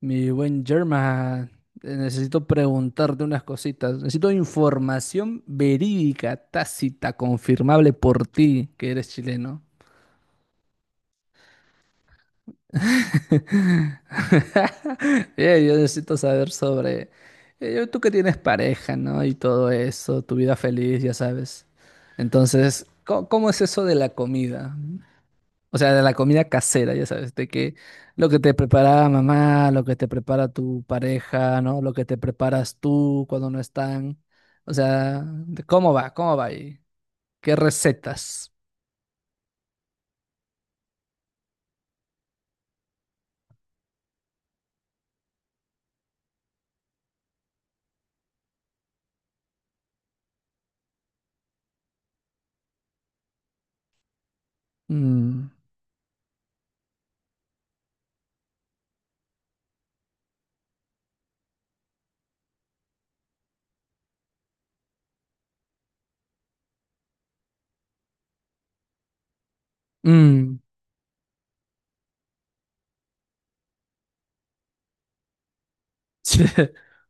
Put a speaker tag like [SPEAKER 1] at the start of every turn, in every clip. [SPEAKER 1] Mi buen Germa, necesito preguntarte unas cositas. Necesito información verídica, tácita, confirmable por ti, que eres chileno. Yo necesito saber sobre tú que tienes pareja, ¿no? Y todo eso, tu vida feliz, ya sabes. Entonces, ¿cómo es eso de la comida? O sea, de la comida casera, ya sabes, de que lo que te prepara mamá, lo que te prepara tu pareja, ¿no? Lo que te preparas tú cuando no están. O sea, de ¿cómo va? ¿Cómo va ahí? ¿Qué recetas? Mm, mm,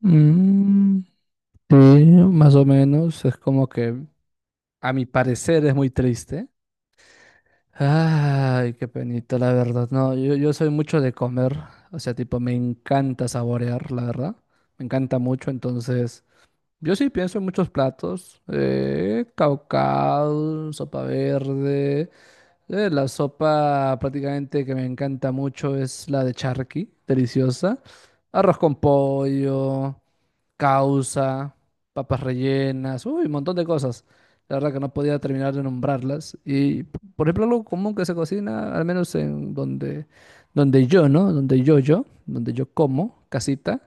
[SPEAKER 1] mm, sí, más o menos. Es como que, a mi parecer, es muy triste. Ay, qué penito, la verdad. No, yo soy mucho de comer. O sea, tipo, me encanta saborear, la verdad. Me encanta mucho, entonces. Yo sí pienso en muchos platos, caucao, sopa verde, la sopa prácticamente que me encanta mucho es la de charqui, deliciosa, arroz con pollo, causa, papas rellenas, uy, un montón de cosas. La verdad que no podía terminar de nombrarlas. Y, por ejemplo, algo común que se cocina, al menos en donde, donde yo, ¿no? Donde yo como, casita.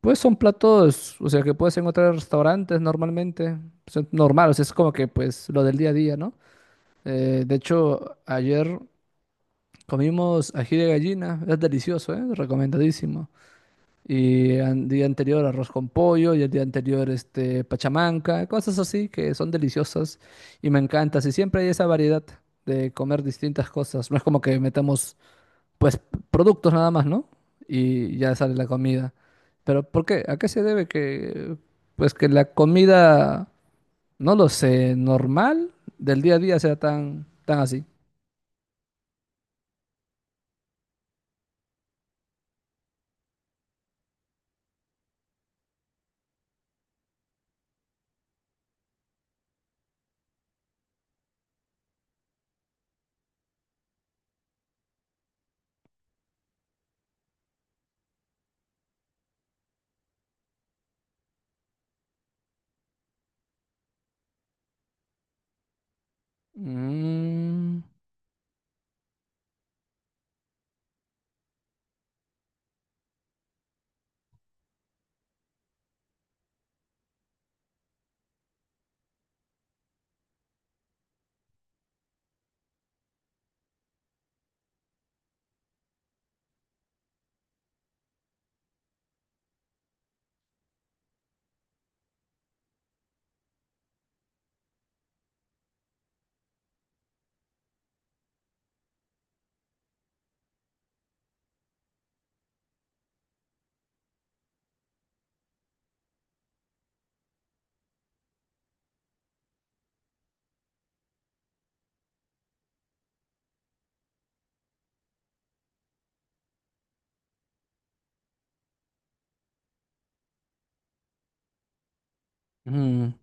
[SPEAKER 1] Pues son platos, o sea, que puedes encontrar en restaurantes normalmente. Son normal, o sea, es como que pues lo del día a día, ¿no? De hecho, ayer comimos ají de gallina, es delicioso, ¿eh? Recomendadísimo. Y el día anterior arroz con pollo y el día anterior este pachamanca, cosas así que son deliciosas y me encanta. Y siempre hay esa variedad de comer distintas cosas. No es como que metamos pues productos nada más, ¿no? Y ya sale la comida. Pero ¿por qué? ¿A qué se debe que, pues que la comida, no lo sé, normal del día a día sea tan, tan así? Mm, mm,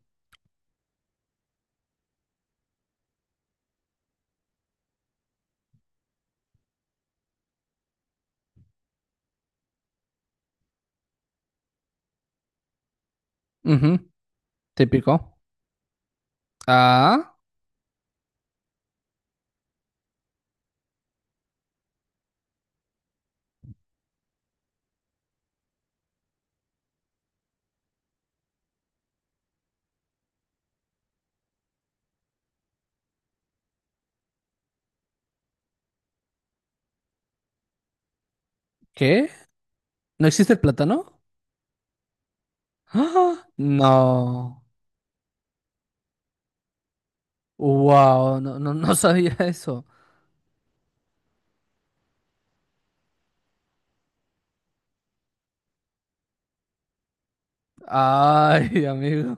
[SPEAKER 1] ujú, típico. Ah, ¿qué? ¿No existe el plátano? ¡Ah! No. Wow, no, no, no sabía eso. Ay, amigo.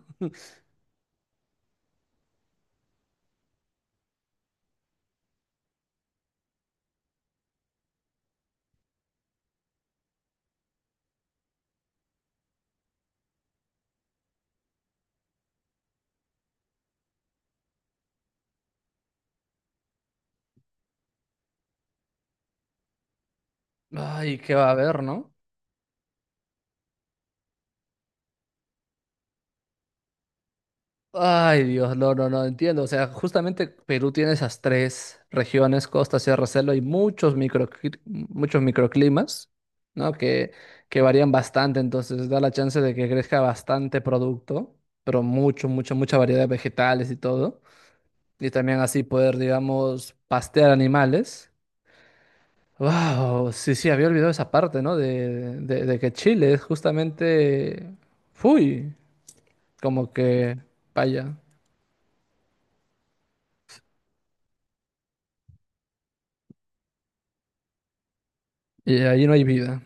[SPEAKER 1] Ay, ¿qué va a haber, no? Ay, Dios, no, no, no entiendo. O sea, justamente Perú tiene esas tres regiones, costa, sierra, selva, y muchos micro, muchos microclimas, ¿no? Que varían bastante, entonces da la chance de que crezca bastante producto, pero mucha variedad de vegetales y todo. Y también así poder, digamos, pastear animales. Wow, sí, sí, había olvidado esa parte, ¿no? De que Chile es justamente, fui, como que, vaya, y ahí no hay vida.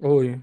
[SPEAKER 1] Uy,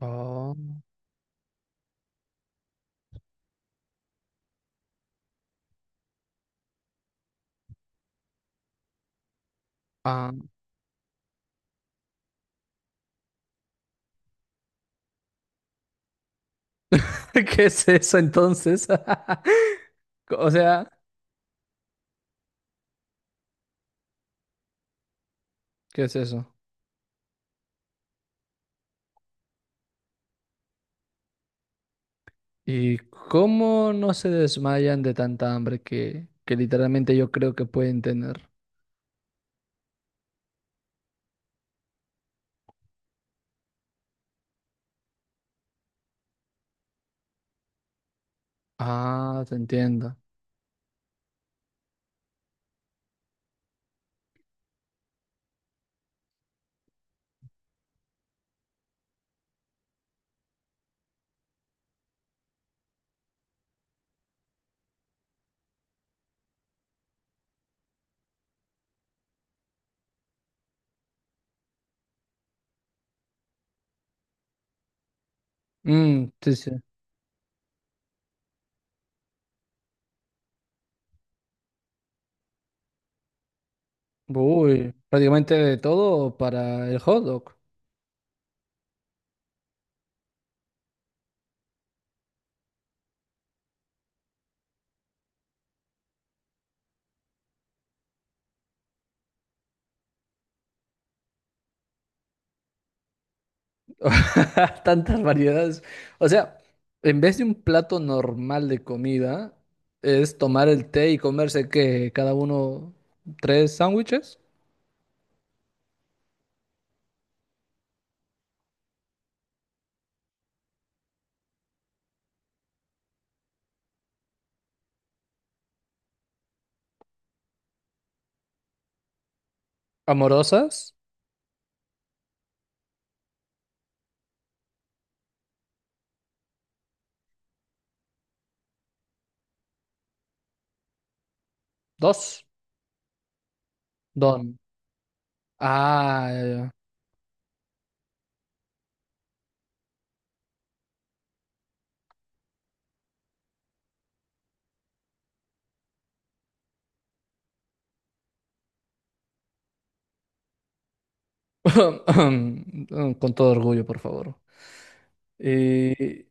[SPEAKER 1] oh, ah, ¿qué es eso entonces? O sea, ¿qué es eso? ¿Y cómo no se desmayan de tanta hambre que literalmente yo creo que pueden tener? Ah, te entiendo. Mm, sí, sí. Uy, prácticamente de todo para el hot dog. Tantas variedades. O sea, en vez de un plato normal de comida, es tomar el té y comerse que cada uno tres sándwiches. Amorosas, dos, don. Ah, ya, ya. Con todo orgullo, por favor. Y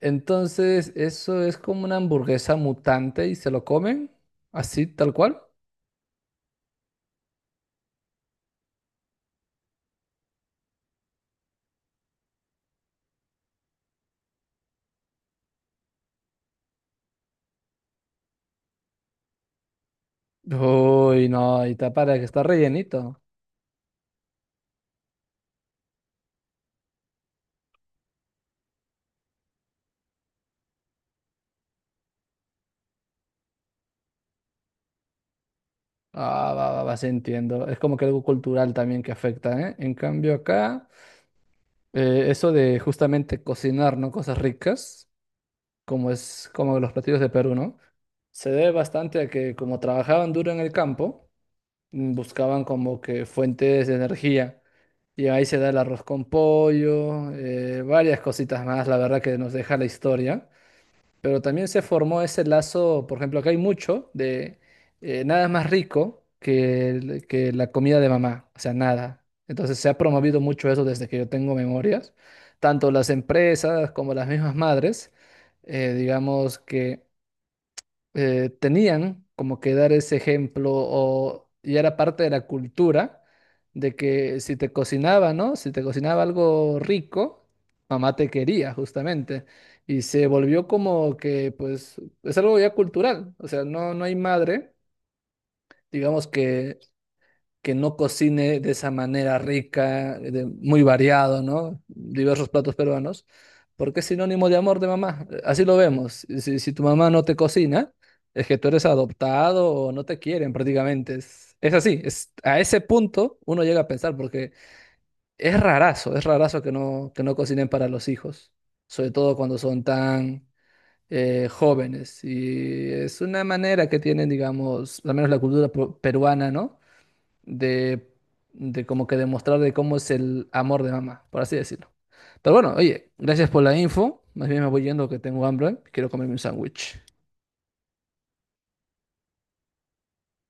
[SPEAKER 1] entonces, eso es como una hamburguesa mutante y se lo comen, así, tal cual. Uy, no, y está para que está rellenito. Ah, sí entiendo. Es como que algo cultural también que afecta, ¿eh? En cambio, acá, eso de justamente cocinar, ¿no? Cosas ricas, como es como los platillos de Perú, ¿no? Se debe bastante a que como trabajaban duro en el campo, mm, buscaban como que fuentes de energía. Y ahí se da el arroz con pollo, varias cositas más, la verdad que nos deja la historia. Pero también se formó ese lazo, por ejemplo, acá hay mucho de nada más rico que, que la comida de mamá, o sea, nada. Entonces se ha promovido mucho eso desde que yo tengo memorias, tanto las empresas como las mismas madres, digamos que tenían como que dar ese ejemplo o y era parte de la cultura de que si te cocinaba, ¿no? Si te cocinaba algo rico, mamá te quería justamente. Y se volvió como que, pues, es algo ya cultural. O sea, no, no hay madre, digamos que no cocine de esa manera rica, muy variado, ¿no? Diversos platos peruanos, porque es sinónimo de amor de mamá. Así lo vemos. Si, si tu mamá no te cocina, es que tú eres adoptado o no te quieren prácticamente. Es así, es, a ese punto uno llega a pensar, porque es rarazo que no cocinen para los hijos, sobre todo cuando son tan... jóvenes y es una manera que tienen, digamos, al menos la cultura peruana, ¿no? de, de como que demostrar de cómo es el amor de mamá, por así decirlo. Pero bueno, oye, gracias por la info. Más bien me voy yendo que tengo hambre. Quiero comerme un sándwich.